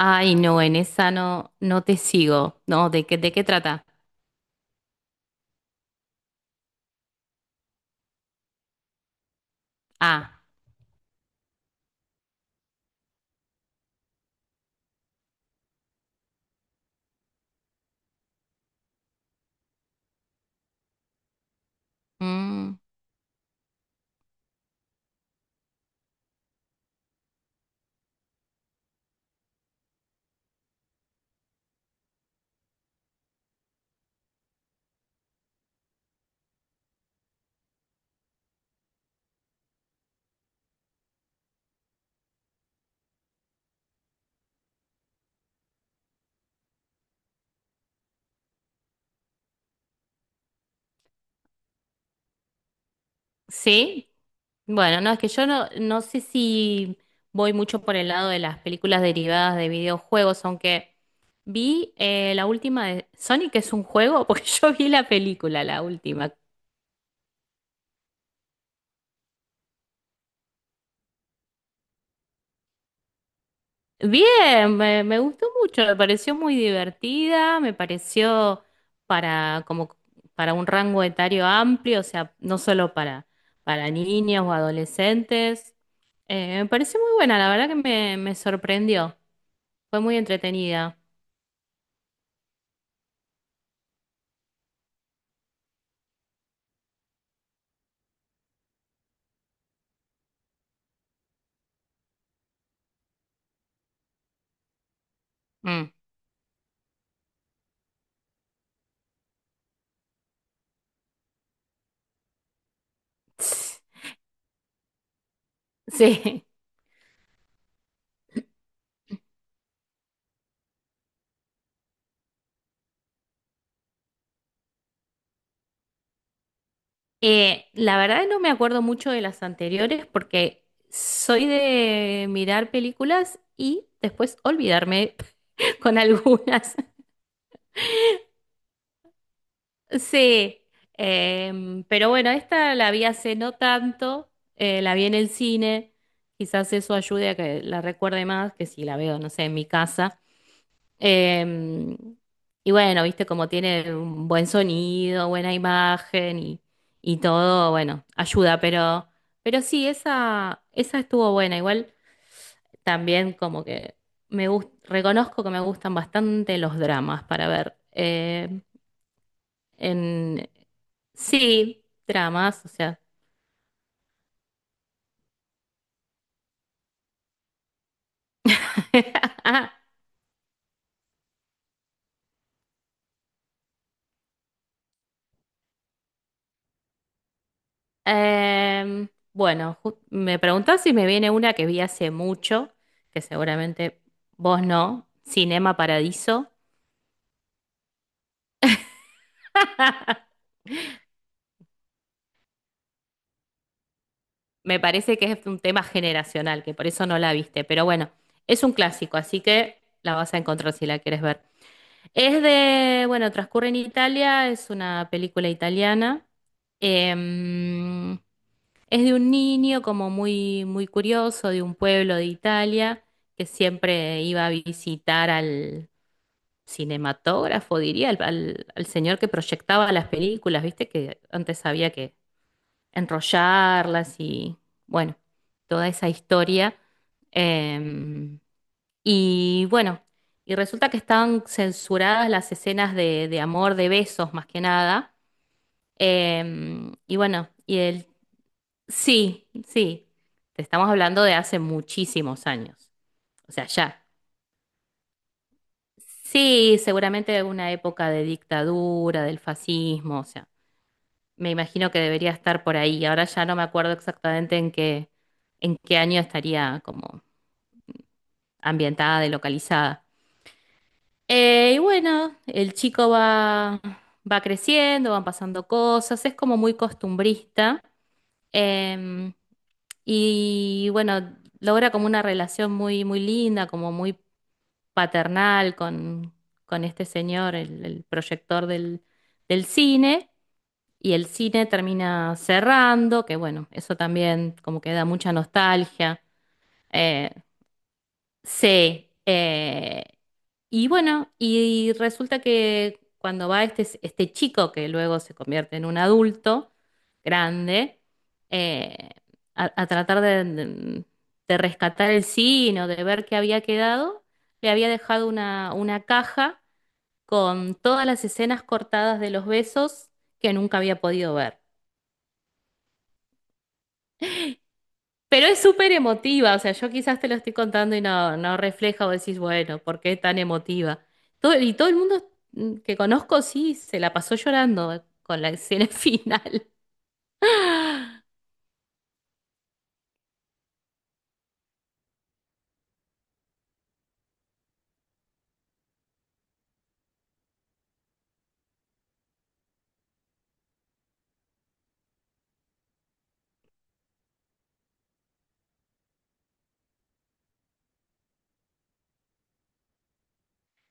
Ay, no, en esa no, no te sigo. No, de qué trata? Ah, mm, sí. Bueno, no, es que yo no, no sé si voy mucho por el lado de las películas derivadas de videojuegos, aunque vi la última de Sonic que es un juego, porque yo vi la película, la última. Bien, me gustó mucho, me pareció muy divertida, me pareció para como para un rango etario amplio, o sea, no solo para niños o adolescentes. Me pareció muy buena, la verdad que me sorprendió, fue muy entretenida. Mm. Sí, la verdad no me acuerdo mucho de las anteriores porque soy de mirar películas y después olvidarme con algunas. Sí, pero bueno, esta la vi hace no tanto, la vi en el cine, quizás eso ayude a que la recuerde más que si la veo, no sé, en mi casa. Em, y bueno, viste como tiene un buen sonido, buena imagen y todo, bueno, ayuda, pero sí, esa estuvo buena. Igual también como que reconozco que me gustan bastante los dramas para ver. En, Sí, dramas, o sea. Bueno, me preguntás si me viene una que vi hace mucho, que seguramente vos no, Cinema Paradiso. Me parece que es un tema generacional, que por eso no la viste, pero bueno, es un clásico, así que la vas a encontrar si la quieres ver. Es de, bueno, transcurre en Italia, es una película italiana. Em, Es de un niño como muy, muy curioso, de un pueblo de Italia, que siempre iba a visitar al cinematógrafo, diría, al señor que proyectaba las películas, ¿viste? Que antes había que enrollarlas y, bueno, toda esa historia. Em, y bueno, y resulta que estaban censuradas las escenas de amor, de besos, más que nada. Y bueno, y el sí, sí. Te estamos hablando de hace muchísimos años. O sea, ya. Sí, seguramente de una época de dictadura, del fascismo, o sea, me imagino que debería estar por ahí. Ahora ya no me acuerdo exactamente en qué año estaría como ambientada y localizada. Y bueno, el chico va, va creciendo, van pasando cosas, es como muy costumbrista. Em, y bueno, logra como una relación muy, muy linda, como muy paternal con este señor, el proyector del, del cine. Y el cine termina cerrando, que bueno, eso también como que da mucha nostalgia. Eh, Sí, y bueno, y resulta que cuando va este, este chico, que luego se convierte en un adulto grande, eh, a tratar de, de rescatar el sino de ver qué había quedado, le había dejado una caja con todas las escenas cortadas de los besos que nunca había podido ver. Pero es súper emotiva, o sea, yo quizás te lo estoy contando y no, no refleja o decís, bueno, ¿por qué tan emotiva? Todo, y todo el mundo que conozco sí se la pasó llorando con la escena final.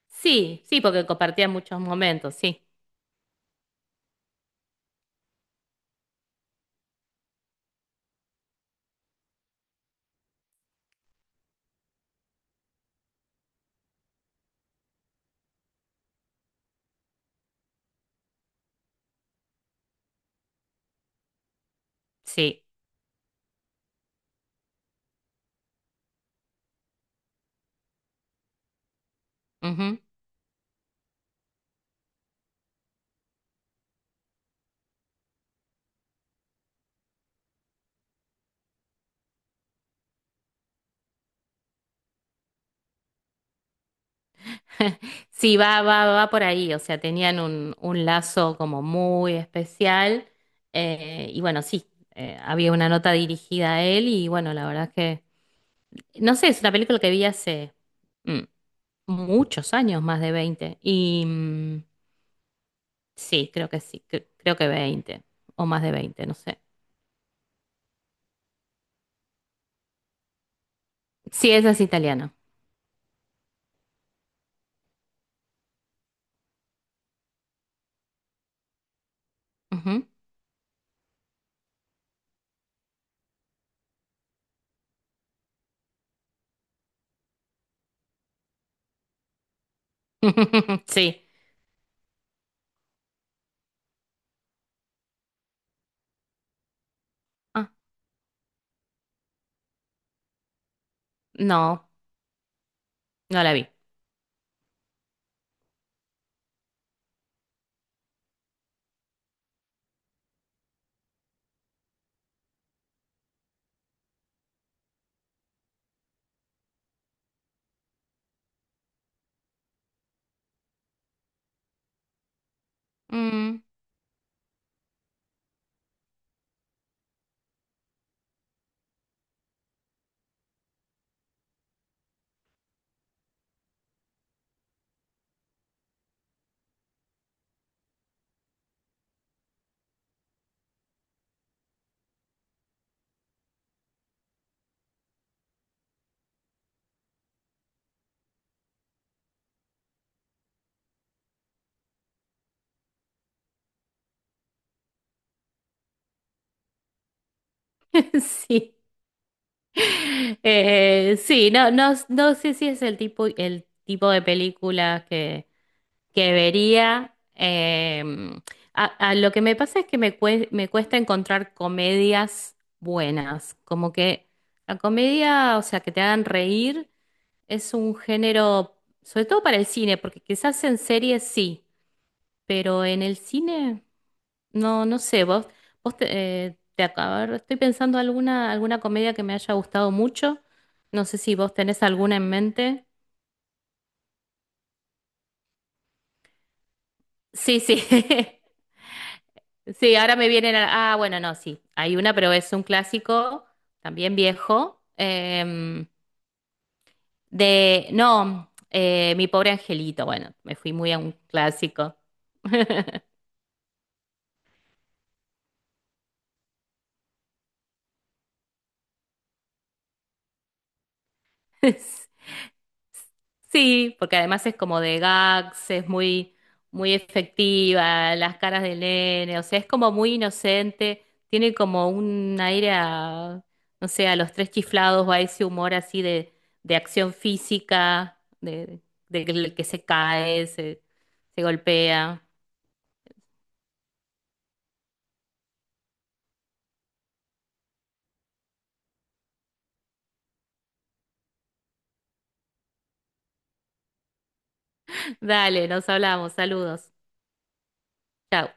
Sí, sí, porque compartía muchos momentos, sí, sí. Ujú. Sí, va, va, va por ahí, o sea, tenían un lazo como muy especial y bueno, sí, había una nota dirigida a él y bueno, la verdad es que, no sé, es una película que vi hace... mm, muchos años, más de veinte. Y mm, sí, creo que sí, creo que veinte o más de veinte, no sé. Sí, esa es italiana. Ujú. Sí. Ah, no, no la vi. Mm. Sí. Sí, no, no, no sé si es el tipo de película que vería. A lo que me pasa es que me, me cuesta encontrar comedias buenas. Como que la comedia, o sea, que te hagan reír, es un género, sobre todo para el cine, porque quizás en series sí, pero en el cine, no, no sé, vos, vos te, a ver, estoy pensando alguna, alguna comedia que me haya gustado mucho. No sé si vos tenés alguna en mente. Sí, sí. Sí, ahora me vienen a... Ah, bueno, no, sí. Hay una, pero es un clásico, también viejo, de... No, Mi pobre angelito. Bueno, me fui muy a un clásico. Sí, porque además es como de gags, es muy, muy efectiva, las caras del nene, o sea, es como muy inocente, tiene como un aire a, no sé, a los tres chiflados, va ese humor así de acción física, de que el que se cae, se golpea. Dale, nos hablamos, saludos. Chao.